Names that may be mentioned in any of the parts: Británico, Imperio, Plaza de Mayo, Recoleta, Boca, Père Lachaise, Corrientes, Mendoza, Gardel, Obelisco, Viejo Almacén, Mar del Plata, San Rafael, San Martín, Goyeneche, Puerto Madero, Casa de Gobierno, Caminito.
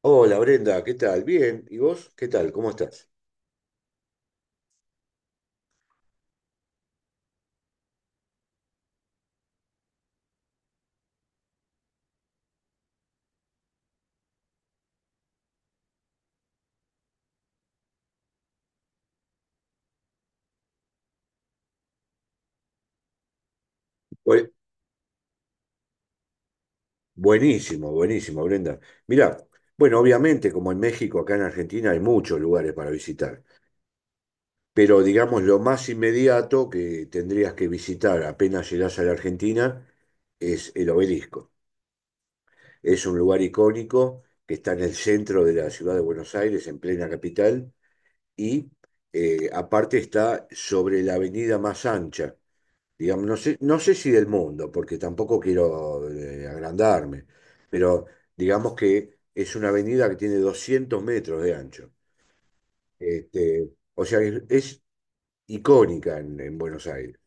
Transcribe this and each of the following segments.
Hola Brenda, ¿qué tal? Bien, ¿y vos? ¿Qué tal? ¿Cómo estás? Bu- Buenísimo, buenísimo, Brenda. Mirá, bueno, obviamente como en México, acá en Argentina hay muchos lugares para visitar, pero digamos lo más inmediato que tendrías que visitar apenas llegás a la Argentina es el Obelisco. Es un lugar icónico que está en el centro de la ciudad de Buenos Aires, en plena capital, y aparte está sobre la avenida más ancha. Digamos, no sé si del mundo, porque tampoco quiero agrandarme, pero digamos que es una avenida que tiene 200 metros de ancho. Este, o sea, es icónica en Buenos Aires.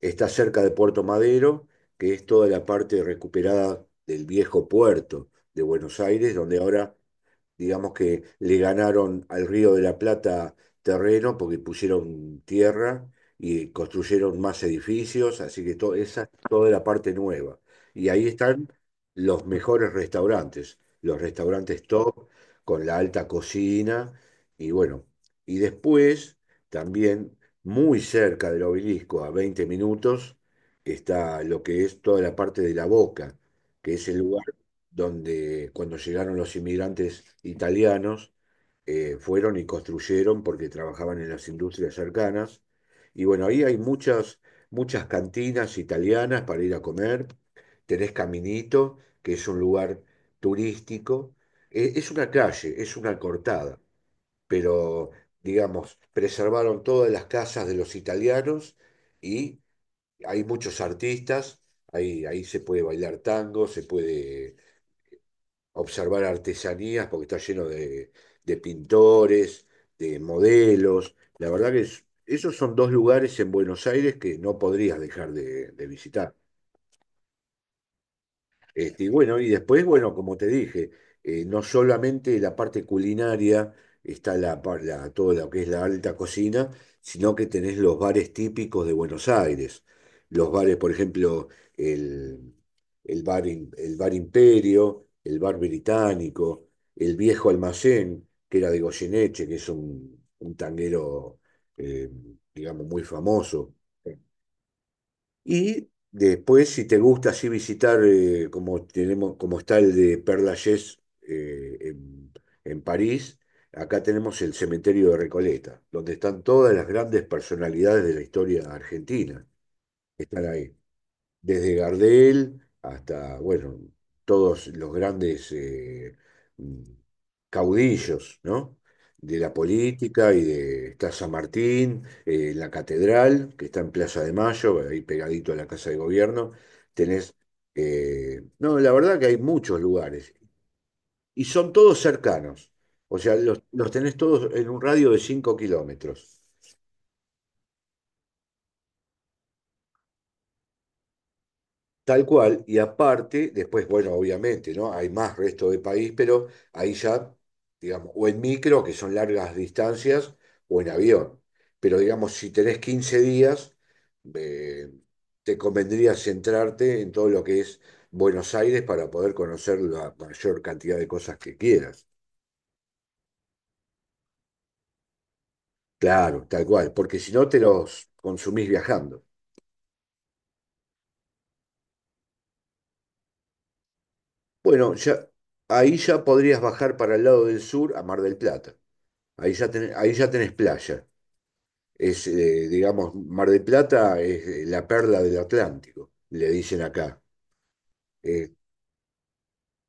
Está cerca de Puerto Madero, que es toda la parte recuperada del viejo puerto de Buenos Aires, donde ahora digamos que le ganaron al Río de la Plata terreno porque pusieron tierra y construyeron más edificios, así que todo, esa es toda la parte nueva. Y ahí están los mejores restaurantes, los restaurantes top con la alta cocina y bueno, y después también muy cerca del obelisco, a 20 minutos, está lo que es toda la parte de la Boca, que es el lugar donde cuando llegaron los inmigrantes italianos, fueron y construyeron porque trabajaban en las industrias cercanas. Y bueno, ahí hay muchas, muchas cantinas italianas para ir a comer. Tenés Caminito, que es un lugar turístico. Es una calle, es una cortada, pero digamos, preservaron todas las casas de los italianos y hay muchos artistas. Ahí se puede bailar tango, se puede observar artesanías porque está lleno de, pintores, de modelos. La verdad que esos son dos lugares en Buenos Aires que no podrías dejar de visitar. Este, y bueno, y después, bueno, como te dije, no solamente la parte culinaria está todo lo que es la alta cocina, sino que tenés los bares típicos de Buenos Aires. Los bares, por ejemplo, el, el bar Imperio, el bar Británico, el Viejo Almacén, que era de Goyeneche, que es un tanguero, eh, digamos, muy famoso. Y después, si te gusta así visitar, como tenemos, como está el de Père Lachaise eh, en, en París, acá tenemos el cementerio de Recoleta, donde están todas las grandes personalidades de la historia argentina. Están ahí desde Gardel hasta, bueno, todos los grandes mm, caudillos, ¿no? De la política y de está San Martín, la catedral, que está en Plaza de Mayo, ahí pegadito a la Casa de Gobierno, tenés, no, la verdad que hay muchos lugares y son todos cercanos, o sea, los tenés todos en un radio de 5 kilómetros. Tal cual, y aparte, después, bueno, obviamente, ¿no? Hay más resto de país, pero ahí ya, digamos, o en micro, que son largas distancias, o en avión. Pero digamos, si tenés 15 días, eh, te convendría centrarte en todo lo que es Buenos Aires para poder conocer la mayor cantidad de cosas que quieras. Claro, tal cual, porque si no te los consumís viajando. Bueno, ya, ahí ya podrías bajar para el lado del sur a Mar del Plata. Ahí ya tenés playa. Mar del Plata es la perla del Atlántico, le dicen acá. Eh,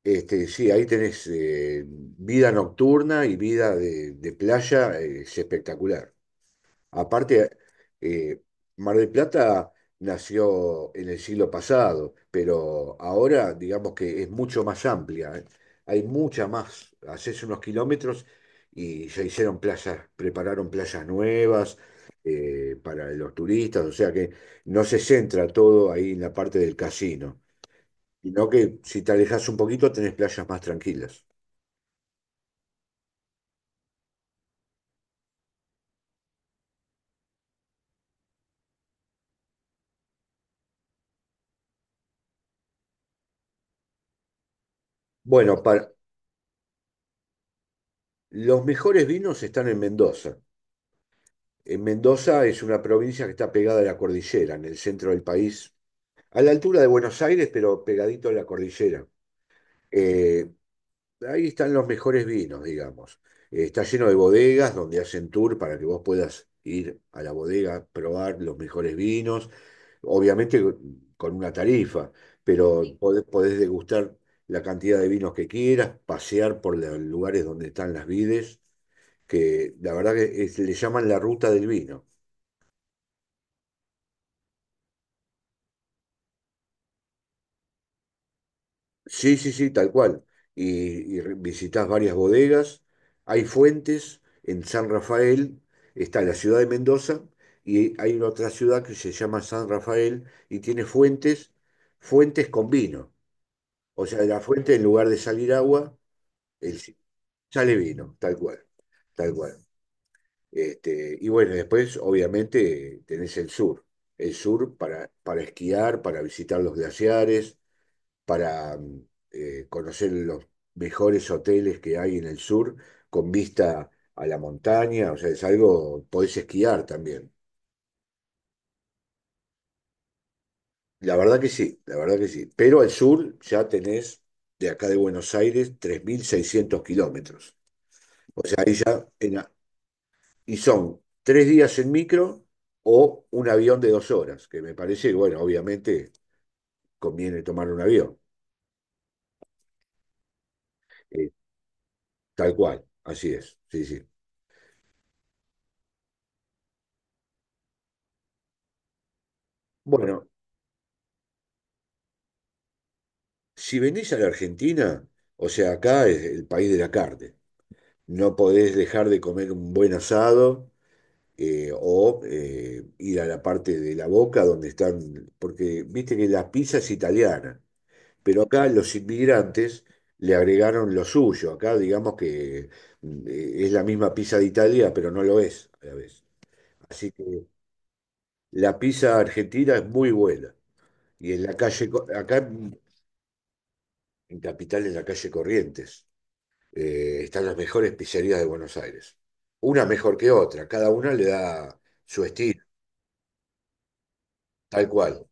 sí, ahí tenés vida nocturna y vida de playa, es espectacular. Aparte, eh, Mar del Plata nació en el siglo pasado, pero ahora digamos que es mucho más amplia. ¿Eh? Hay mucha más. Haces unos kilómetros y se hicieron playas, prepararon playas nuevas para los turistas, o sea que no se centra todo ahí en la parte del casino, sino que si te alejas un poquito tenés playas más tranquilas. Bueno, los mejores vinos están en Mendoza. Mendoza es una provincia que está pegada a la cordillera, en el centro del país, a la altura de Buenos Aires, pero pegadito a la cordillera. Eh, ahí están los mejores vinos, digamos. Está lleno de bodegas donde hacen tour para que vos puedas ir a la bodega, probar los mejores vinos, obviamente con una tarifa, pero sí, podés degustar la cantidad de vinos que quieras, pasear por los lugares donde están las vides, que la verdad que le llaman la ruta del vino. Sí, sí, sí, tal cual. Visitás varias bodegas. Hay fuentes en San Rafael, está la ciudad de Mendoza y hay una otra ciudad que se llama San Rafael y tiene fuentes, fuentes con vino. O sea, de la fuente en lugar de salir agua, el- sale vino, tal cual, tal cual. Este, y bueno, después obviamente tenés el sur. El sur para esquiar, para visitar los glaciares para conocer los mejores hoteles que hay en el sur con vista a la montaña, o sea, es algo, podés esquiar también. La verdad que sí, la verdad que sí. Pero al sur ya tenés de acá de Buenos Aires 3.600 kilómetros. O sea, ahí ya, y son 3 días en micro o un avión de 2 horas, que me parece, bueno, obviamente conviene tomar un avión. Eh, tal cual, así es, sí, sí. Bueno, si venís a la Argentina, o sea, acá es el país de la carne. No podés dejar de comer un buen asado o ir a la parte de la Boca donde están, porque viste que la pizza es italiana, pero acá los inmigrantes le agregaron lo suyo. Acá digamos que es la misma pizza de Italia, pero no lo es a la vez. Así que la pizza argentina es muy buena. Y en la calle, acá en Capital, en la calle Corrientes. Están las mejores pizzerías de Buenos Aires. Una mejor que otra, cada una le da su estilo, tal cual.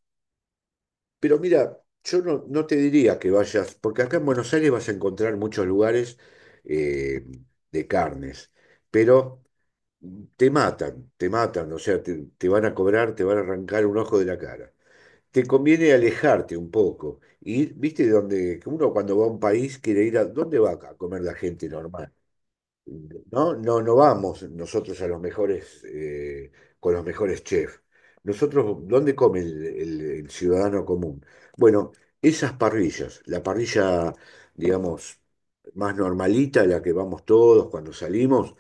Pero mira, yo no, no te diría que vayas, porque acá en Buenos Aires vas a encontrar muchos lugares eh, de carnes, pero te matan, o sea, te van a cobrar, te van a arrancar un ojo de la cara. Te conviene alejarte un poco. Y viste donde que uno cuando va a un país quiere ir a, ¿dónde va acá a comer la gente normal? No, no, no vamos nosotros a los mejores, con los mejores chefs. Nosotros, ¿dónde come el, el ciudadano común? Bueno, esas parrillas, la parrilla, digamos, más normalita, la que vamos todos cuando salimos,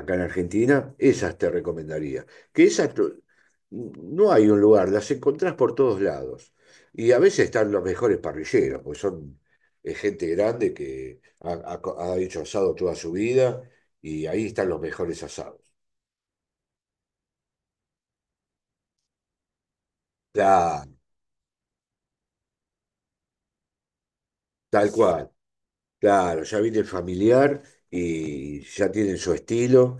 acá en Argentina, esas te recomendaría. Que esas tu- no hay un lugar, las encontrás por todos lados. Y a veces están los mejores parrilleros, porque son gente grande que ha, ha hecho asado toda su vida y ahí están los mejores asados. Claro, tal cual. Claro, ya viene familiar y ya tienen su estilo.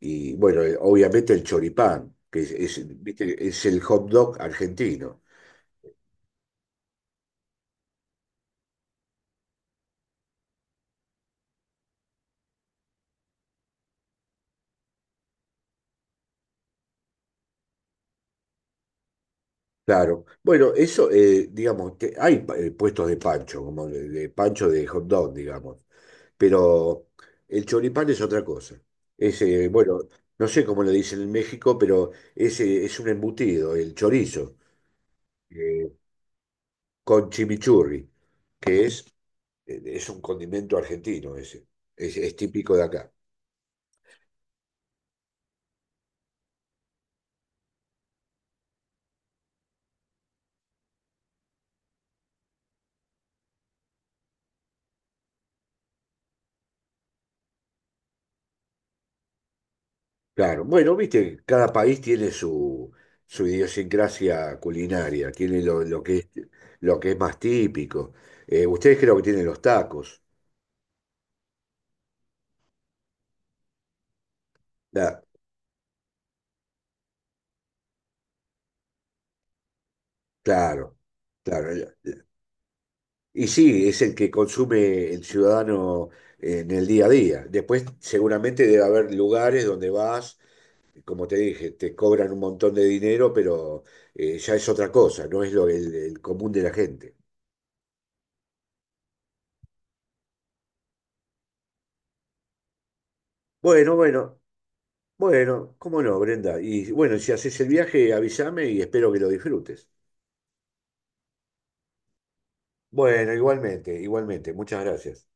Y bueno, obviamente el choripán, que viste, es el hot dog argentino. Claro. Bueno, eso, digamos, que hay puestos de pancho, como de, pancho de hot dog, digamos. Pero el choripán es otra cosa. Bueno, no sé cómo le dicen en México, pero es un embutido, el chorizo, eh, con chimichurri, que es un condimento argentino ese. Es típico de acá. Claro, bueno, viste, cada país tiene su, idiosincrasia culinaria, tiene lo que es, lo que es más típico. Ustedes creo que tienen los tacos. La- claro, claro. Y sí, es el que consume el ciudadano en el día a día. Después seguramente debe haber lugares donde vas, como te dije, te cobran un montón de dinero, pero ya es otra cosa, no es lo, el común de la gente. Bueno, bueno. Bueno, cómo no, Brenda. Y bueno, si haces el viaje, avísame y espero que lo disfrutes. Bueno, igualmente, igualmente. Muchas gracias.